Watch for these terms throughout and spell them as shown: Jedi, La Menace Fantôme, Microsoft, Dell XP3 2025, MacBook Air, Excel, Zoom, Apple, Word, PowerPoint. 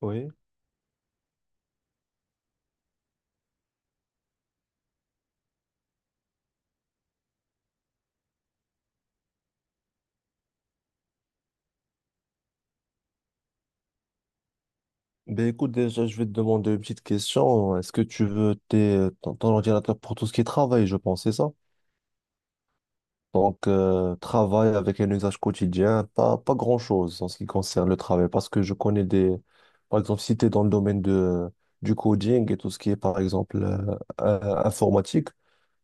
Oui. Ben écoute, déjà, je vais te demander une petite question. Est-ce que tu veux ton ordinateur pour tout ce qui est travail, je pense, c'est ça? Donc, travail avec un usage quotidien, pas grand-chose en ce qui concerne le travail. Parce que je connais des. Par exemple, si tu es dans le domaine du coding et tout ce qui est, par exemple, informatique,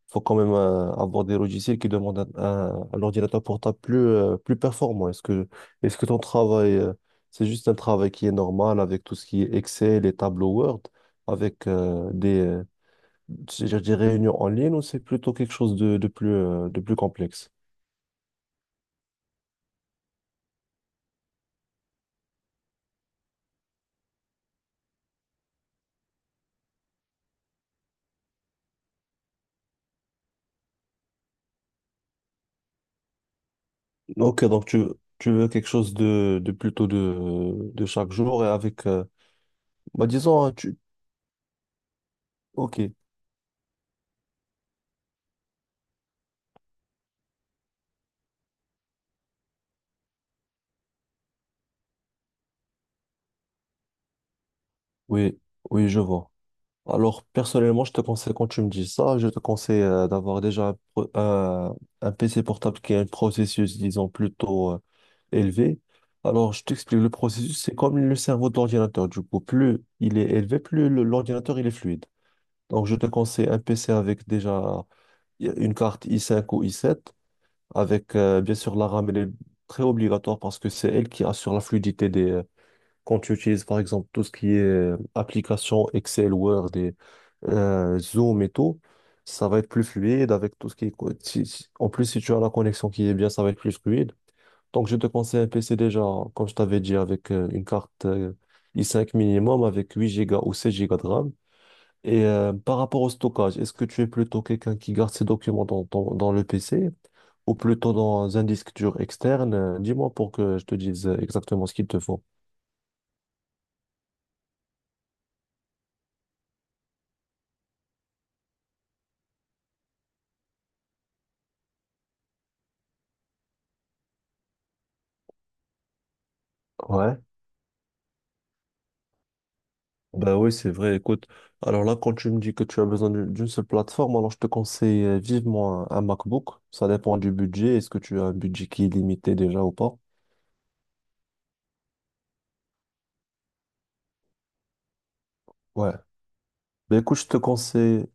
faut quand même avoir des logiciels qui demandent un ordinateur portable plus performant. Est-ce que ton travail, c'est juste un travail qui est normal avec tout ce qui est Excel et tableau Word, avec des, je réunions en ligne, ou c'est plutôt quelque chose de plus complexe? Ok, donc tu veux quelque chose de plutôt de chaque jour et avec, bah disons, hein, ok, oui, oui, je vois. Alors, personnellement, je te conseille, quand tu me dis ça, je te conseille d'avoir déjà un PC portable qui a un processus, disons, plutôt élevé. Alors, je t'explique, le processus, c'est comme le cerveau de l'ordinateur. Du coup, plus il est élevé, plus l'ordinateur, il est fluide. Donc, je te conseille un PC avec déjà une carte i5 ou i7, avec bien sûr la RAM, elle est très obligatoire parce que c'est elle qui assure la fluidité quand tu utilises par exemple tout ce qui est application Excel, Word et Zoom et tout, ça va être plus fluide avec tout ce qui est. En plus, si tu as la connexion qui est bien, ça va être plus fluide. Donc, je te conseille un PC déjà, comme je t'avais dit, avec une carte i5 minimum, avec 8 Go ou 16 Go de RAM. Et par rapport au stockage, est-ce que tu es plutôt quelqu'un qui garde ses documents dans le PC ou plutôt dans un disque dur externe? Dis-moi pour que je te dise exactement ce qu'il te faut. Ouais. Ben oui, c'est vrai. Écoute, alors là, quand tu me dis que tu as besoin d'une seule plateforme, alors je te conseille vivement un MacBook. Ça dépend du budget. Est-ce que tu as un budget qui est limité déjà ou pas? Ouais. Ben écoute, je te conseille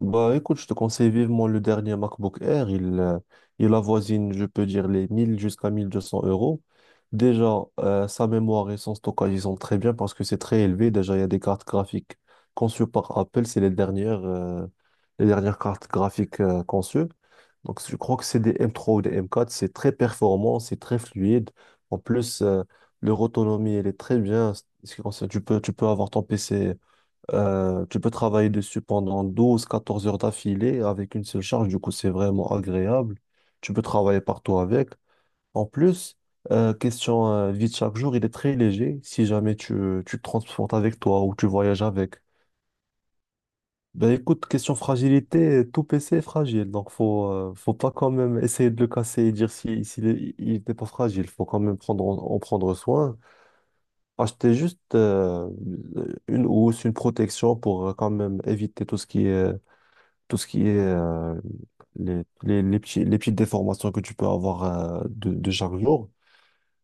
Bah écoute, je te conseille vivement le dernier MacBook Air. Il avoisine, je peux dire, les 1000 jusqu'à 1200 euros. Déjà, sa mémoire et son stockage, ils sont très bien parce que c'est très élevé. Déjà, il y a des cartes graphiques conçues par Apple. C'est les dernières cartes graphiques conçues. Donc, je crois que c'est des M3 ou des M4. C'est très performant, c'est très fluide. En plus, leur autonomie, elle est très bien. Ce qui concerne- tu peux avoir ton PC, tu peux travailler dessus pendant 12-14 heures d'affilée avec une seule charge, du coup c'est vraiment agréable. Tu peux travailler partout avec. En plus, question vie de chaque jour, il est très léger si jamais tu te transportes avec toi ou tu voyages avec. Ben écoute, question fragilité, tout PC est fragile, donc faut pas quand même essayer de le casser et dire si, s'il est- il n'était pas fragile, faut quand même prendre, en prendre soin. Acheter juste une housse, une protection pour quand même éviter tout ce qui est les petites déformations que tu peux avoir de chaque jour.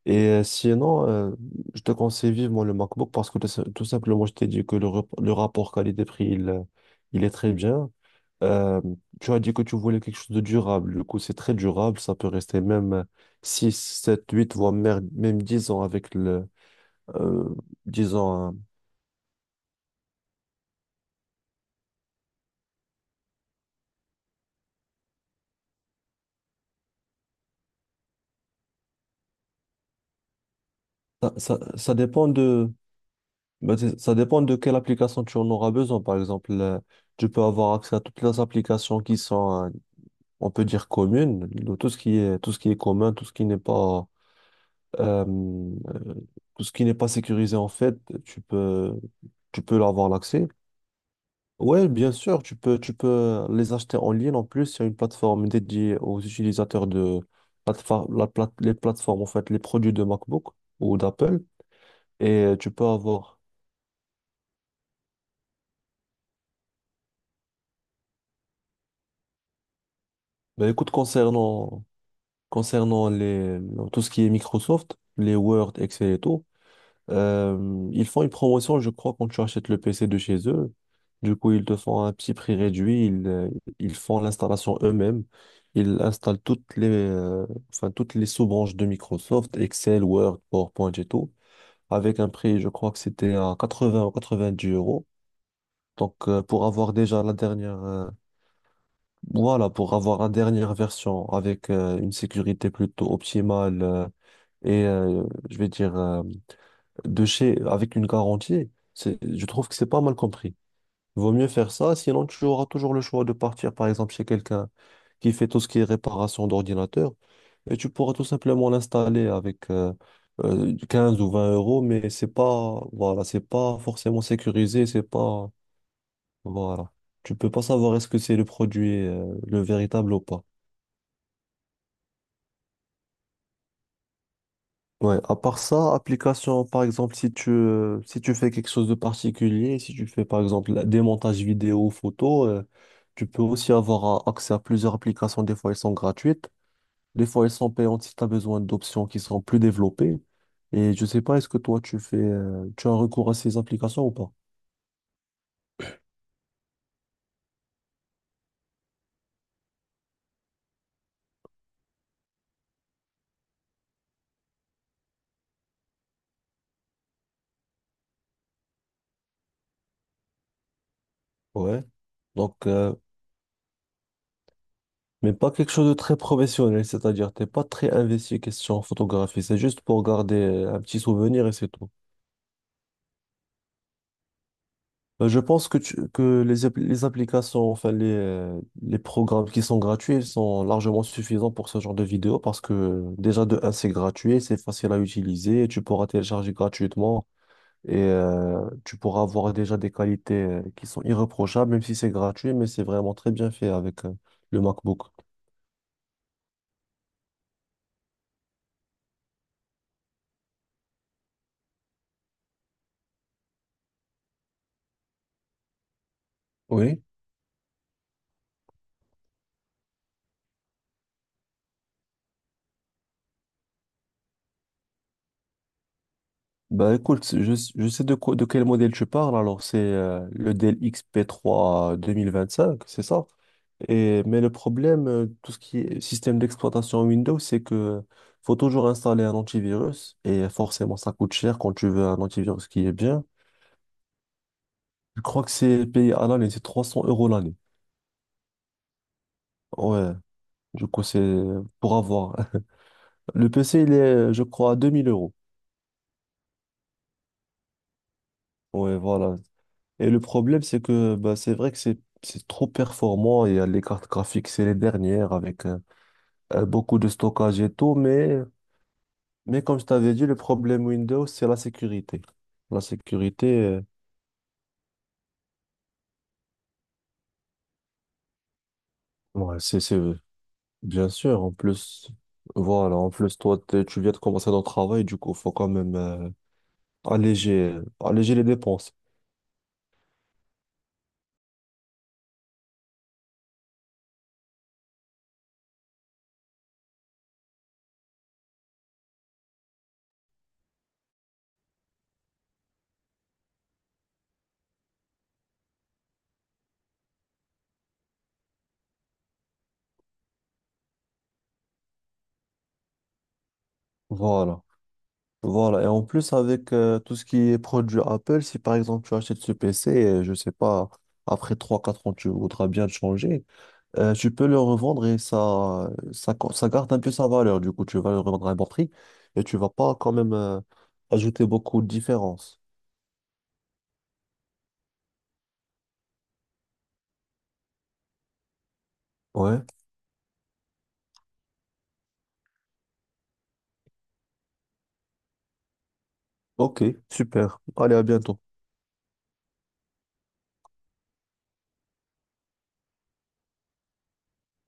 Et sinon, je te conseille vivement le MacBook parce que tout si- tout simplement, je t'ai dit que le rapport qualité-prix, il est très bien. Euh, tu as dit que tu voulais quelque chose de durable. Du coup, c'est très durable. Ça peut rester même 6 7 8 voire même 10 ans avec le... euh, Disons, hein, ça dépend de. Ben, ça dépend de quelle application tu en auras besoin. Par exemple, tu peux avoir accès à toutes les applications qui sont, on peut dire, communes, de tout ce qui est commun, euh, euh, tout ce qui n'est pas sécurisé, en fait, tu peux, tu peux avoir l'accès. Ouais, bien sûr, tu peux les acheter en ligne. En plus, il y a une plateforme dédiée aux utilisateurs de plateforme, les plateformes, en fait, les produits de MacBook ou d'Apple. Et tu peux avoir. Ben, écoute, concernant tout ce qui est Microsoft, les Word, Excel et tout, ils font une promotion, je crois, quand tu achètes le PC de chez eux. Du coup, ils te font un petit prix réduit, ils font l'installation eux-mêmes. Ils installent enfin, toutes les sous-branches de Microsoft, Excel, Word, PowerPoint et tout, avec un prix, je crois que c'était à 80 ou dix euros. Donc, pour avoir déjà la dernière, voilà, pour avoir la dernière version avec une sécurité plutôt optimale, et euh, je vais dire de chez avec une garantie, je trouve que c'est pas mal compris. Vaut mieux faire ça, sinon tu auras toujours le choix de partir par exemple chez quelqu'un qui fait tout ce qui est réparation d'ordinateur et tu pourras tout simplement l'installer avec 15 ou 20 euros, mais c'est pas voilà, c'est pas forcément sécurisé, c'est pas voilà. Tu peux pas savoir est-ce que c'est le produit, le véritable ou pas. Ouais, à part ça, application, par exemple, si tu, si tu fais quelque chose de particulier, si tu fais par exemple des montages vidéo, photo, tu peux aussi avoir accès à plusieurs applications. Des fois, elles sont gratuites, des fois, elles sont payantes si tu as besoin d'options qui sont plus développées. Et je sais pas, est-ce que toi, tu as recours à ces applications ou pas? Ouais. Donc, euh, Mais pas quelque chose de très professionnel, c'est-à-dire t'es pas très investi question photographie, c'est juste pour garder un petit souvenir et c'est tout. Je pense que, que les, les applications, enfin les programmes qui sont gratuits, ils sont largement suffisants pour ce genre de vidéo parce que déjà de un, c'est gratuit, c'est facile à utiliser, tu pourras télécharger gratuitement et tu pourras avoir déjà des qualités qui sont irréprochables, même si c'est gratuit, mais c'est vraiment très bien fait avec le MacBook. Oui. Bah écoute, je sais de quel modèle tu parles. Alors c'est le Dell XP3 2025, c'est ça? Mais le problème, tout ce qui est système d'exploitation Windows, c'est que faut toujours installer un antivirus et forcément ça coûte cher quand tu veux un antivirus qui est bien. Je crois que c'est payé à l'année, c'est 300 € l'année. Ouais, du coup c'est pour avoir. Le PC, il est, je crois, à 2000 euros. Ouais, voilà. Et le problème, c'est que bah, c'est vrai que c'est trop performant. Il y a les cartes graphiques, c'est les dernières avec beaucoup de stockage et tout. Mais comme je t'avais dit, le problème Windows, c'est la sécurité. La sécurité, ouais, c'est bien sûr. En plus, voilà, en plus, toi, tu viens de commencer ton travail, du coup, faut quand même alléger les dépenses. Voilà. Voilà, et en plus avec tout ce qui est produit Apple, si par exemple tu achètes ce PC, je sais pas, après trois quatre ans tu voudras bien le changer, tu peux le revendre et ça garde un peu sa valeur, du coup tu vas le revendre à un bon prix et tu vas pas quand même ajouter beaucoup de différence. Ouais, ok, super, allez à bientôt.